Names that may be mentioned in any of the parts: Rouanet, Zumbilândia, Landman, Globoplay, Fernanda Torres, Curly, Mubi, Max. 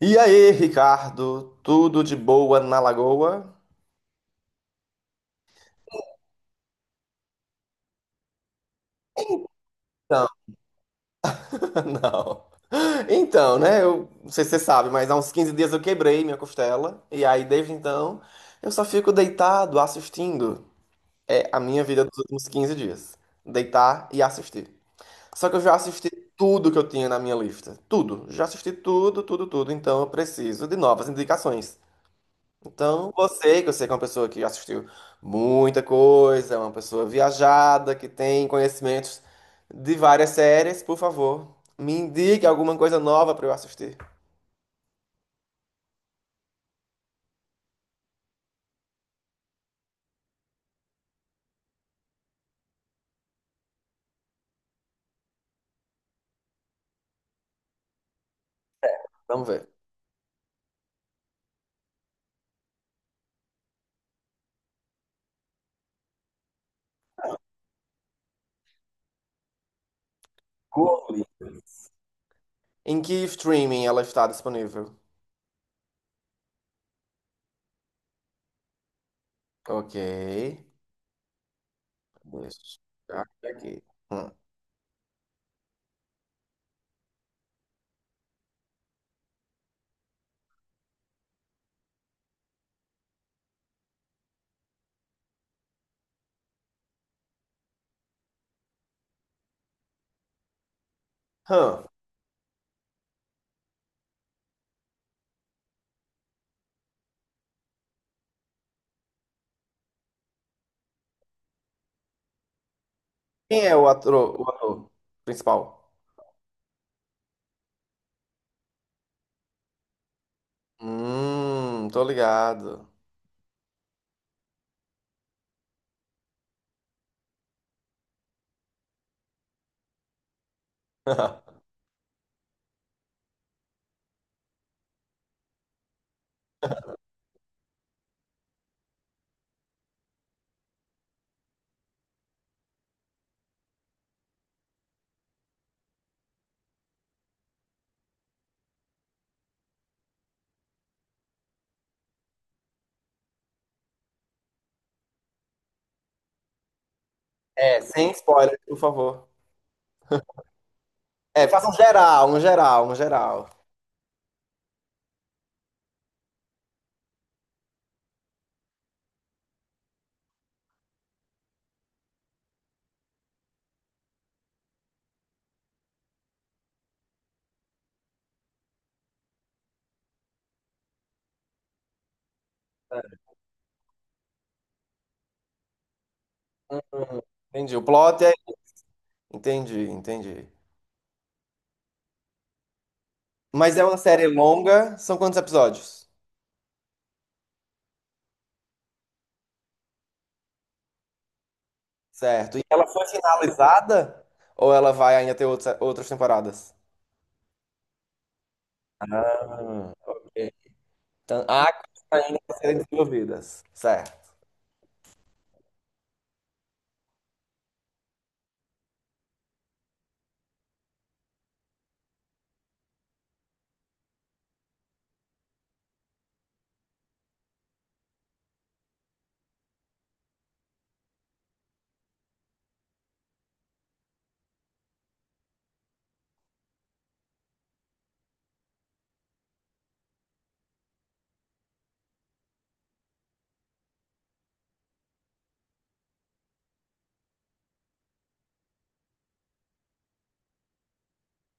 E aí, Ricardo, tudo de boa na Lagoa? Não, não. Então, né, eu não sei se você sabe, mas há uns 15 dias eu quebrei minha costela, e aí desde então eu só fico deitado assistindo. É a minha vida dos últimos 15 dias. Deitar e assistir. Só que eu já assisti tudo que eu tinha na minha lista. Tudo. Já assisti tudo, tudo, tudo. Então eu preciso de novas indicações. Então, você, que eu sei que é uma pessoa que assistiu muita coisa, é uma pessoa viajada, que tem conhecimentos de várias séries, por favor, me indique alguma coisa nova para eu assistir. Vamos ver. Curly. Em que streaming ela está disponível? Ok. Deixa eu ver aqui. Hum. Hum. Quem é o ator principal? Tô ligado. É, sem spoiler, por favor. É, faça um geral, um geral, um geral. Entendi. O plot é. Entendi, entendi. Mas é uma série longa, são quantos episódios? Certo. E ela foi finalizada? Ou ela vai ainda ter outras temporadas? Ah, ok. Então, há coisas ainda a serem desenvolvidas. Certo.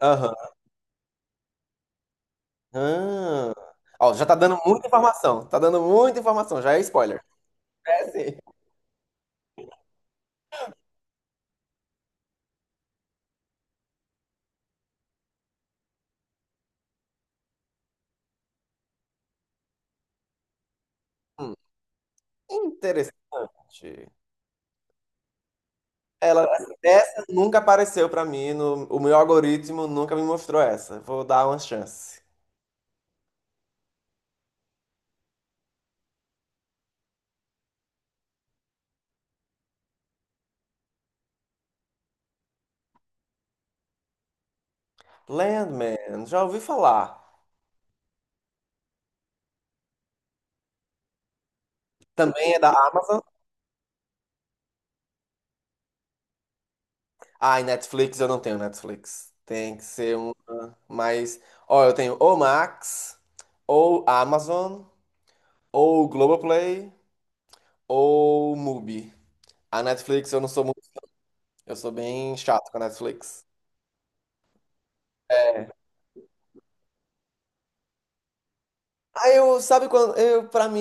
Aham. Ah. Ó, já tá dando muita informação. Tá dando muita informação, já é spoiler. É sim. Hum, Interessante. Ela, Essa nunca apareceu pra mim, o meu algoritmo nunca me mostrou essa. Vou dar uma chance. Landman, já ouvi falar. Também é da Amazon. Ah, e Netflix, eu não tenho Netflix. Tem que ser uma. Mas, ó, eu tenho ou Max, ou Amazon, ou Globoplay, ou Mubi. A Netflix eu não sou muito. Eu sou bem chato com a Netflix. Ah, eu, sabe quando, eu, pra mim,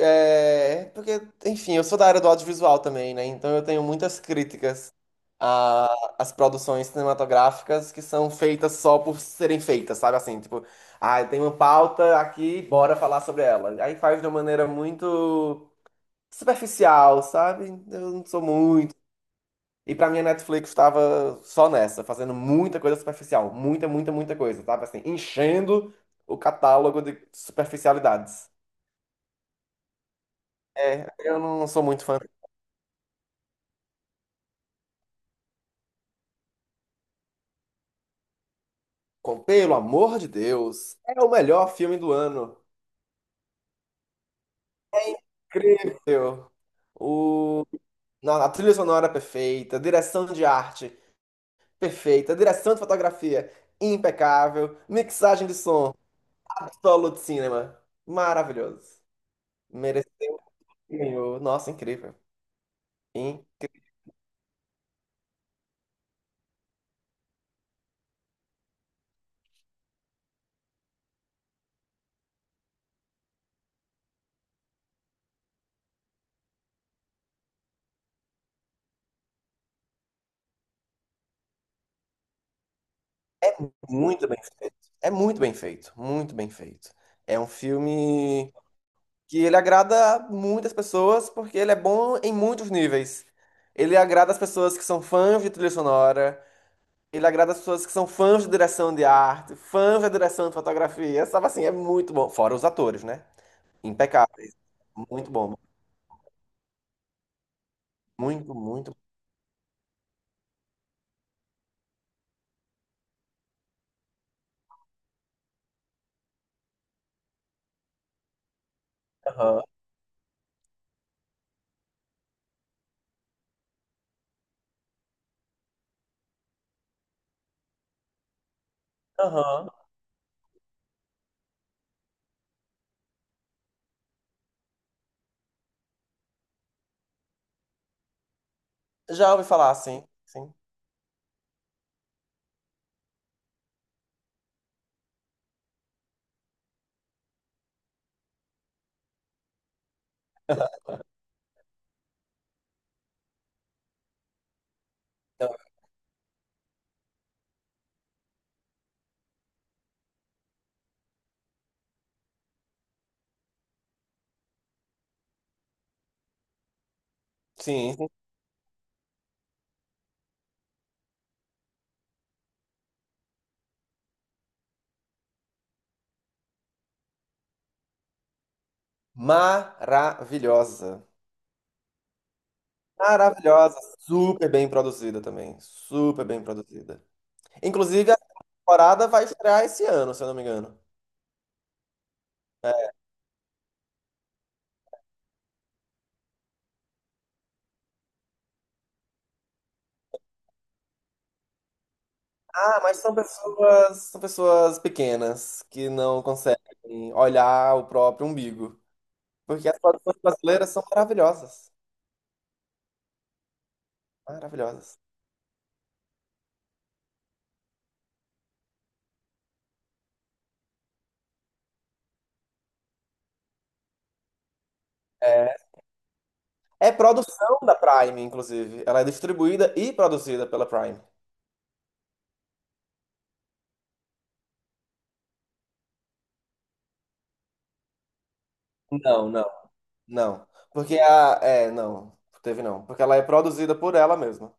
é, porque, enfim, eu sou da área do audiovisual também, né, então eu tenho muitas críticas as produções cinematográficas que são feitas só por serem feitas, sabe? Assim, tipo, ah, tem uma pauta aqui, bora falar sobre ela. Aí faz de uma maneira muito superficial, sabe? Eu não sou muito. E pra mim a Netflix tava só nessa, fazendo muita coisa superficial, muita, muita, muita coisa, sabe? Assim, enchendo o catálogo de superficialidades. É, eu não sou muito fã. Pelo amor de Deus, é o melhor filme do ano. Incrível. O na a trilha sonora perfeita, a direção de arte perfeita, a direção de fotografia impecável, mixagem de som, absolute cinema, maravilhoso. Mereceu, ganhou. Nossa, incrível. Incrível. Muito bem feito. É muito bem feito, muito bem feito. É um filme que ele agrada muitas pessoas porque ele é bom em muitos níveis. Ele agrada as pessoas que são fãs de trilha sonora, ele agrada as pessoas que são fãs de direção de arte, fãs da direção de fotografia, sabe assim, é muito bom. Fora os atores, né? Impecável. Muito bom. Muito, muito bom. Aham, aham. Já ouvi falar, sim, sim. Então, sim, sim. Maravilhosa. Maravilhosa. Super bem produzida também. Super bem produzida. Inclusive, a temporada vai estrear esse ano, se eu não me engano. Ah, mas são pessoas pequenas que não conseguem olhar o próprio umbigo. Porque as produções brasileiras são maravilhosas. Maravilhosas. É, é produção da Prime, inclusive. Ela é distribuída e produzida pela Prime. Não, não. Não. Porque a. É, não. Teve não. Porque ela é produzida por ela mesma.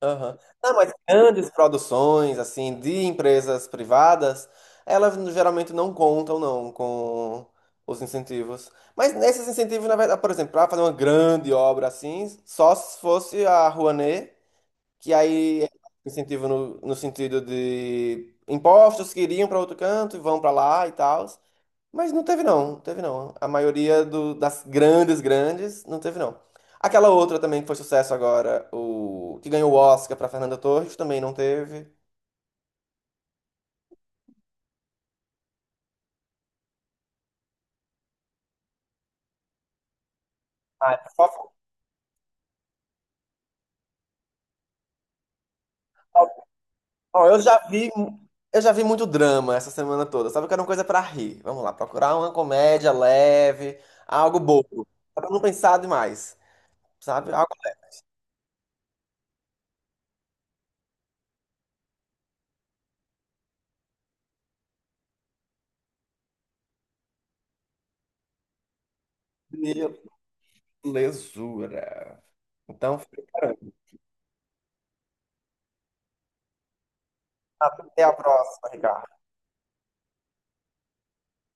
Aham. Não, mas grandes produções, assim, de empresas privadas, elas geralmente não contam, não, com os incentivos. Mas nesses incentivos, na verdade, por exemplo, para fazer uma grande obra assim, só se fosse a Rouanet que aí é incentivo no sentido de impostos que iriam para outro canto e vão para lá e tal. Mas não teve não, não teve não. A maioria das grandes, grandes, não teve não. Aquela outra também que foi sucesso agora, o que ganhou o Oscar para Fernanda Torres, também não teve. Ah, só- ó, eu já vi muito drama essa semana toda. Sabe que era uma coisa para rir. Vamos lá, procurar uma comédia leve, algo bobo, pra não pensar demais, sabe? Algo leve. Lesura. Então, fica- Até a próxima, Ricardo.